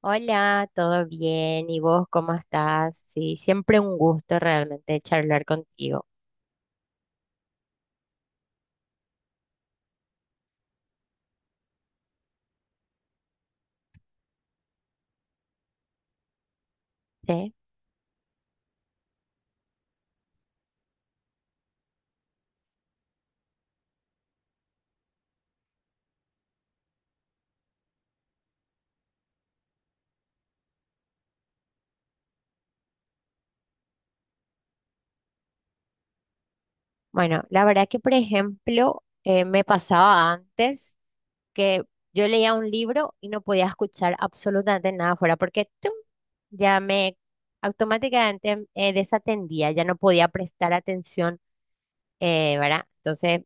Hola, ¿todo bien? ¿Y vos cómo estás? Sí, siempre un gusto realmente charlar contigo. Sí. Bueno, la verdad que, por ejemplo, me pasaba antes que yo leía un libro y no podía escuchar absolutamente nada fuera porque ¡tum! Ya me automáticamente desatendía, ya no podía prestar atención, ¿verdad? Entonces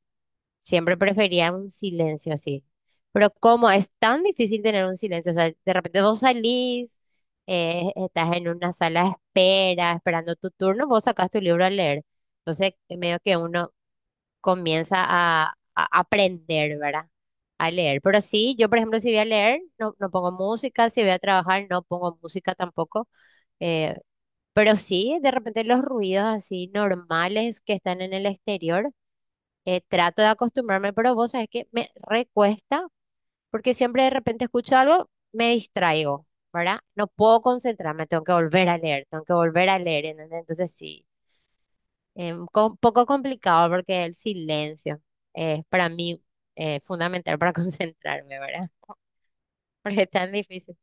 siempre prefería un silencio así. Pero como es tan difícil tener un silencio, o sea, de repente vos salís, estás en una sala de espera, esperando tu turno, vos sacás tu libro a leer. Entonces, medio que uno comienza a aprender, ¿verdad? A leer. Pero sí, yo, por ejemplo, si voy a leer, no pongo música, si voy a trabajar, no pongo música tampoco. eh, pero sí, de repente los ruidos así normales que están en el exterior trato de acostumbrarme, pero vos sabés que me recuesta porque siempre de repente escucho algo, me distraigo, ¿verdad? No puedo concentrarme, tengo que volver a leer, tengo que volver a leer, ¿entendés? Entonces sí, un poco complicado porque el silencio es para mí fundamental para concentrarme, ¿verdad? Porque es tan difícil.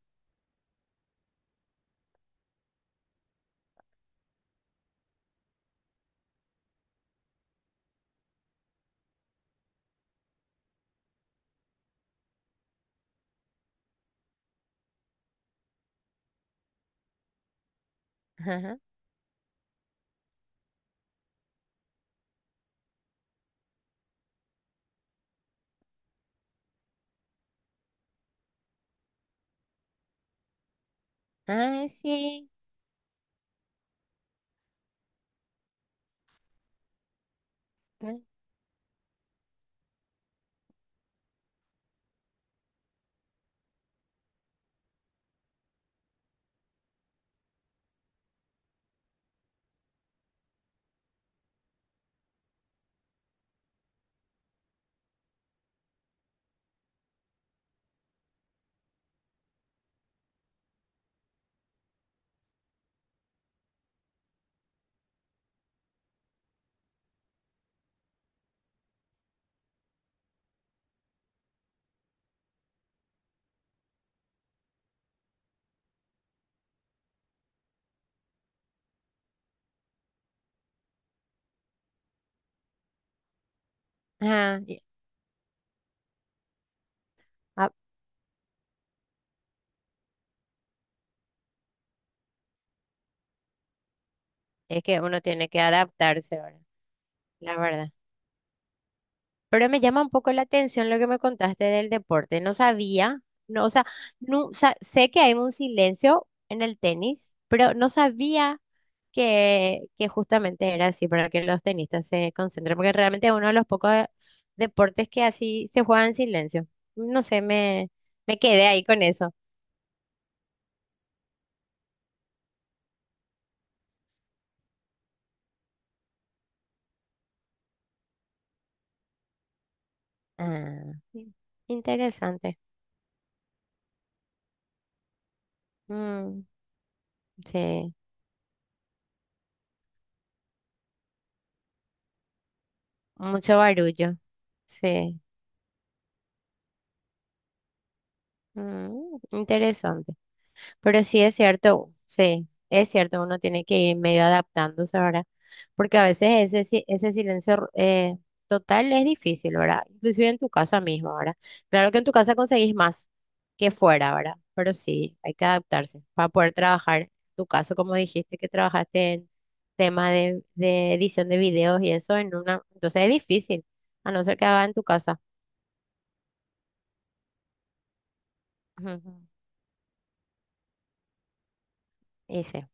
Ajá. Ay, sí. Ajá. Ah, es que uno tiene que adaptarse ahora, la verdad. Pero me llama un poco la atención lo que me contaste del deporte. No sabía, no, o sea, no, sé que hay un silencio en el tenis, pero no sabía que justamente era así para que los tenistas se concentren, porque realmente es uno de los pocos deportes que así se juega en silencio. No sé, me quedé ahí con eso. Ah, in- interesante. Mm, sí, mucho barullo. Sí, mm, interesante. Pero sí, es cierto, uno tiene que ir medio adaptándose ahora, porque a veces ese, ese silencio total es difícil, ¿verdad? Inclusive en tu casa misma, ¿verdad? Claro que en tu casa conseguís más que fuera, ¿verdad? Pero sí, hay que adaptarse para poder trabajar. En tu caso, como dijiste, que trabajaste en tema de edición de videos y eso en una, entonces es difícil, a no ser que haga en tu casa. Ujú. Y sí,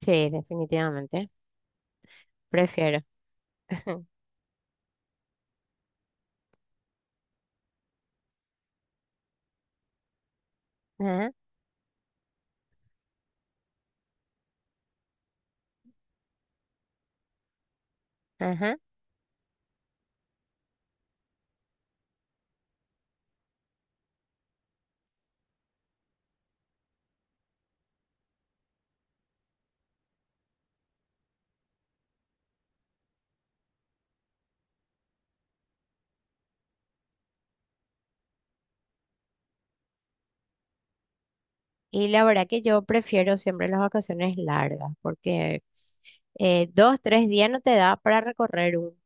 sí, definitivamente, prefiero. Ajá, ajá. Y la verdad que yo prefiero siempre las vacaciones largas, porque dos, tres días no te da para recorrer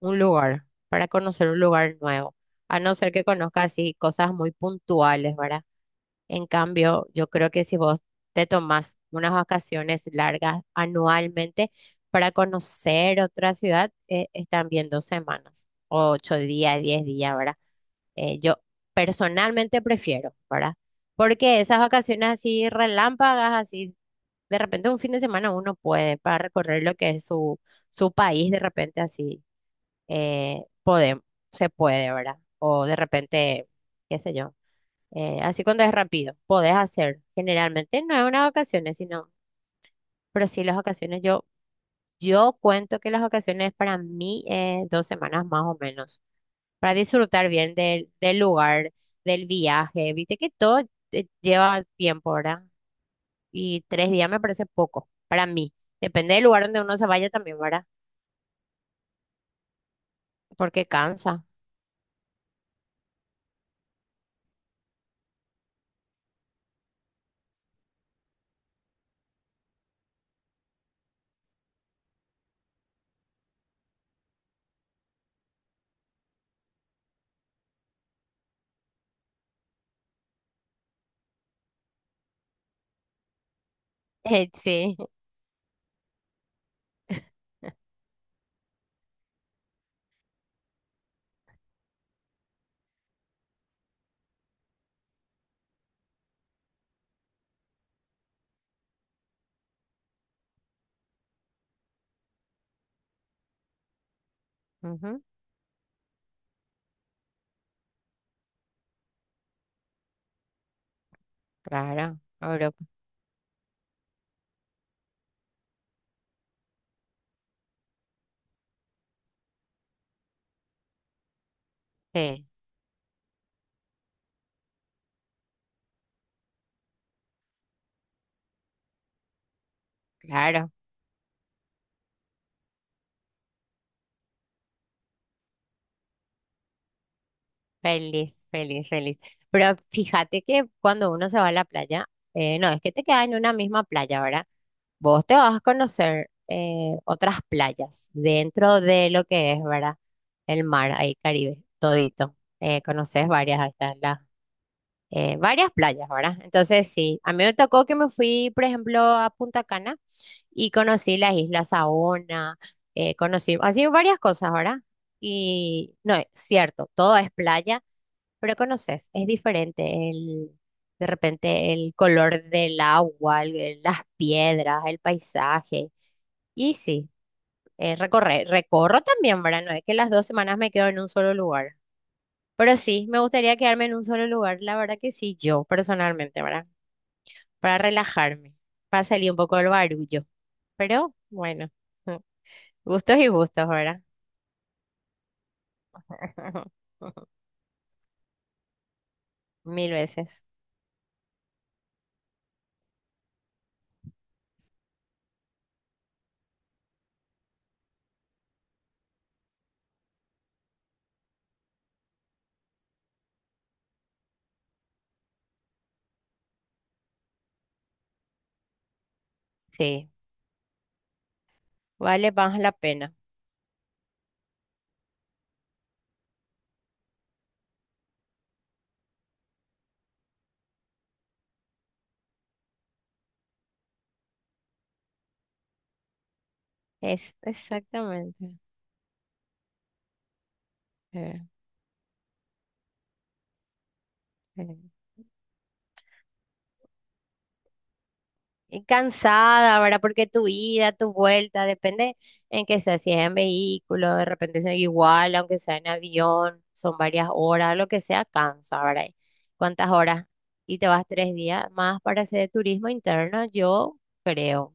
un lugar, para conocer un lugar nuevo, a no ser que conozcas así cosas muy puntuales, ¿verdad? En cambio, yo creo que si vos te tomás unas vacaciones largas anualmente para conocer otra ciudad, están bien 2 semanas, o 8 días, 10 días, ¿verdad? Yo personalmente prefiero, ¿verdad? Porque esas vacaciones así relámpagas, así, de repente un fin de semana uno puede para recorrer lo que es su país, de repente así, eh, pode- se puede, ¿verdad? O de repente, qué sé yo, así cuando es rápido, podés hacer. Generalmente no es unas vacaciones, sino, pero sí las vacaciones yo cuento que las vacaciones para mí es 2 semanas más o menos, para disfrutar bien del lugar, del viaje. Viste que todo lleva tiempo, ¿verdad? Y 3 días me parece poco para mí. Depende del lugar donde uno se vaya también, ¿verdad? Porque cansa. Sí. Ujú, claro, Europa. Sí, claro, feliz, feliz, feliz. Pero fíjate que cuando uno se va a la playa, no es que te quedas en una misma playa, ¿verdad? Vos te vas a conocer otras playas dentro de lo que es, ¿verdad? El mar, ahí Caribe, todito. Conoces varias, ahí están las, varias playas, ¿verdad? Entonces, sí, a mí me tocó que me fui, por ejemplo, a Punta Cana y conocí las Islas Saona, conocí, así varias cosas, ¿verdad? Y no, es cierto, todo es playa pero conoces, es diferente el, de repente el color del agua, el- las piedras, el paisaje. Y sí, recorrer recorro también, ¿verdad? No es que las 2 semanas me quedo en un solo lugar. Pero sí, me gustaría quedarme en un solo lugar, la verdad que sí, yo personalmente, ¿verdad? Para relajarme, para salir un poco del barullo. Pero bueno, gustos y gustos, ¿verdad? Mil veces. Sí, vale más la pena. Es exactamente. Eh. Ujú. Y cansada, ¿verdad? Porque tu ida, tu vuelta, depende en qué sea, si es en vehículo, de repente es igual, aunque sea en avión, son varias horas, lo que sea, cansa, ¿verdad? ¿Cuántas horas? Y te vas 3 días más para hacer turismo interno, yo creo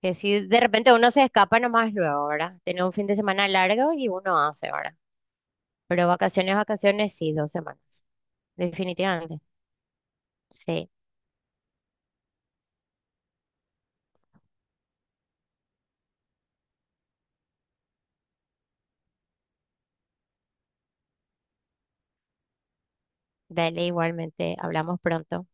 que si de repente uno se escapa nomás luego, ¿verdad? Tener un fin de semana largo y uno hace, ¿verdad? Pero vacaciones, vacaciones, sí, 2 semanas, definitivamente. Sí, dale igualmente, hablamos pronto.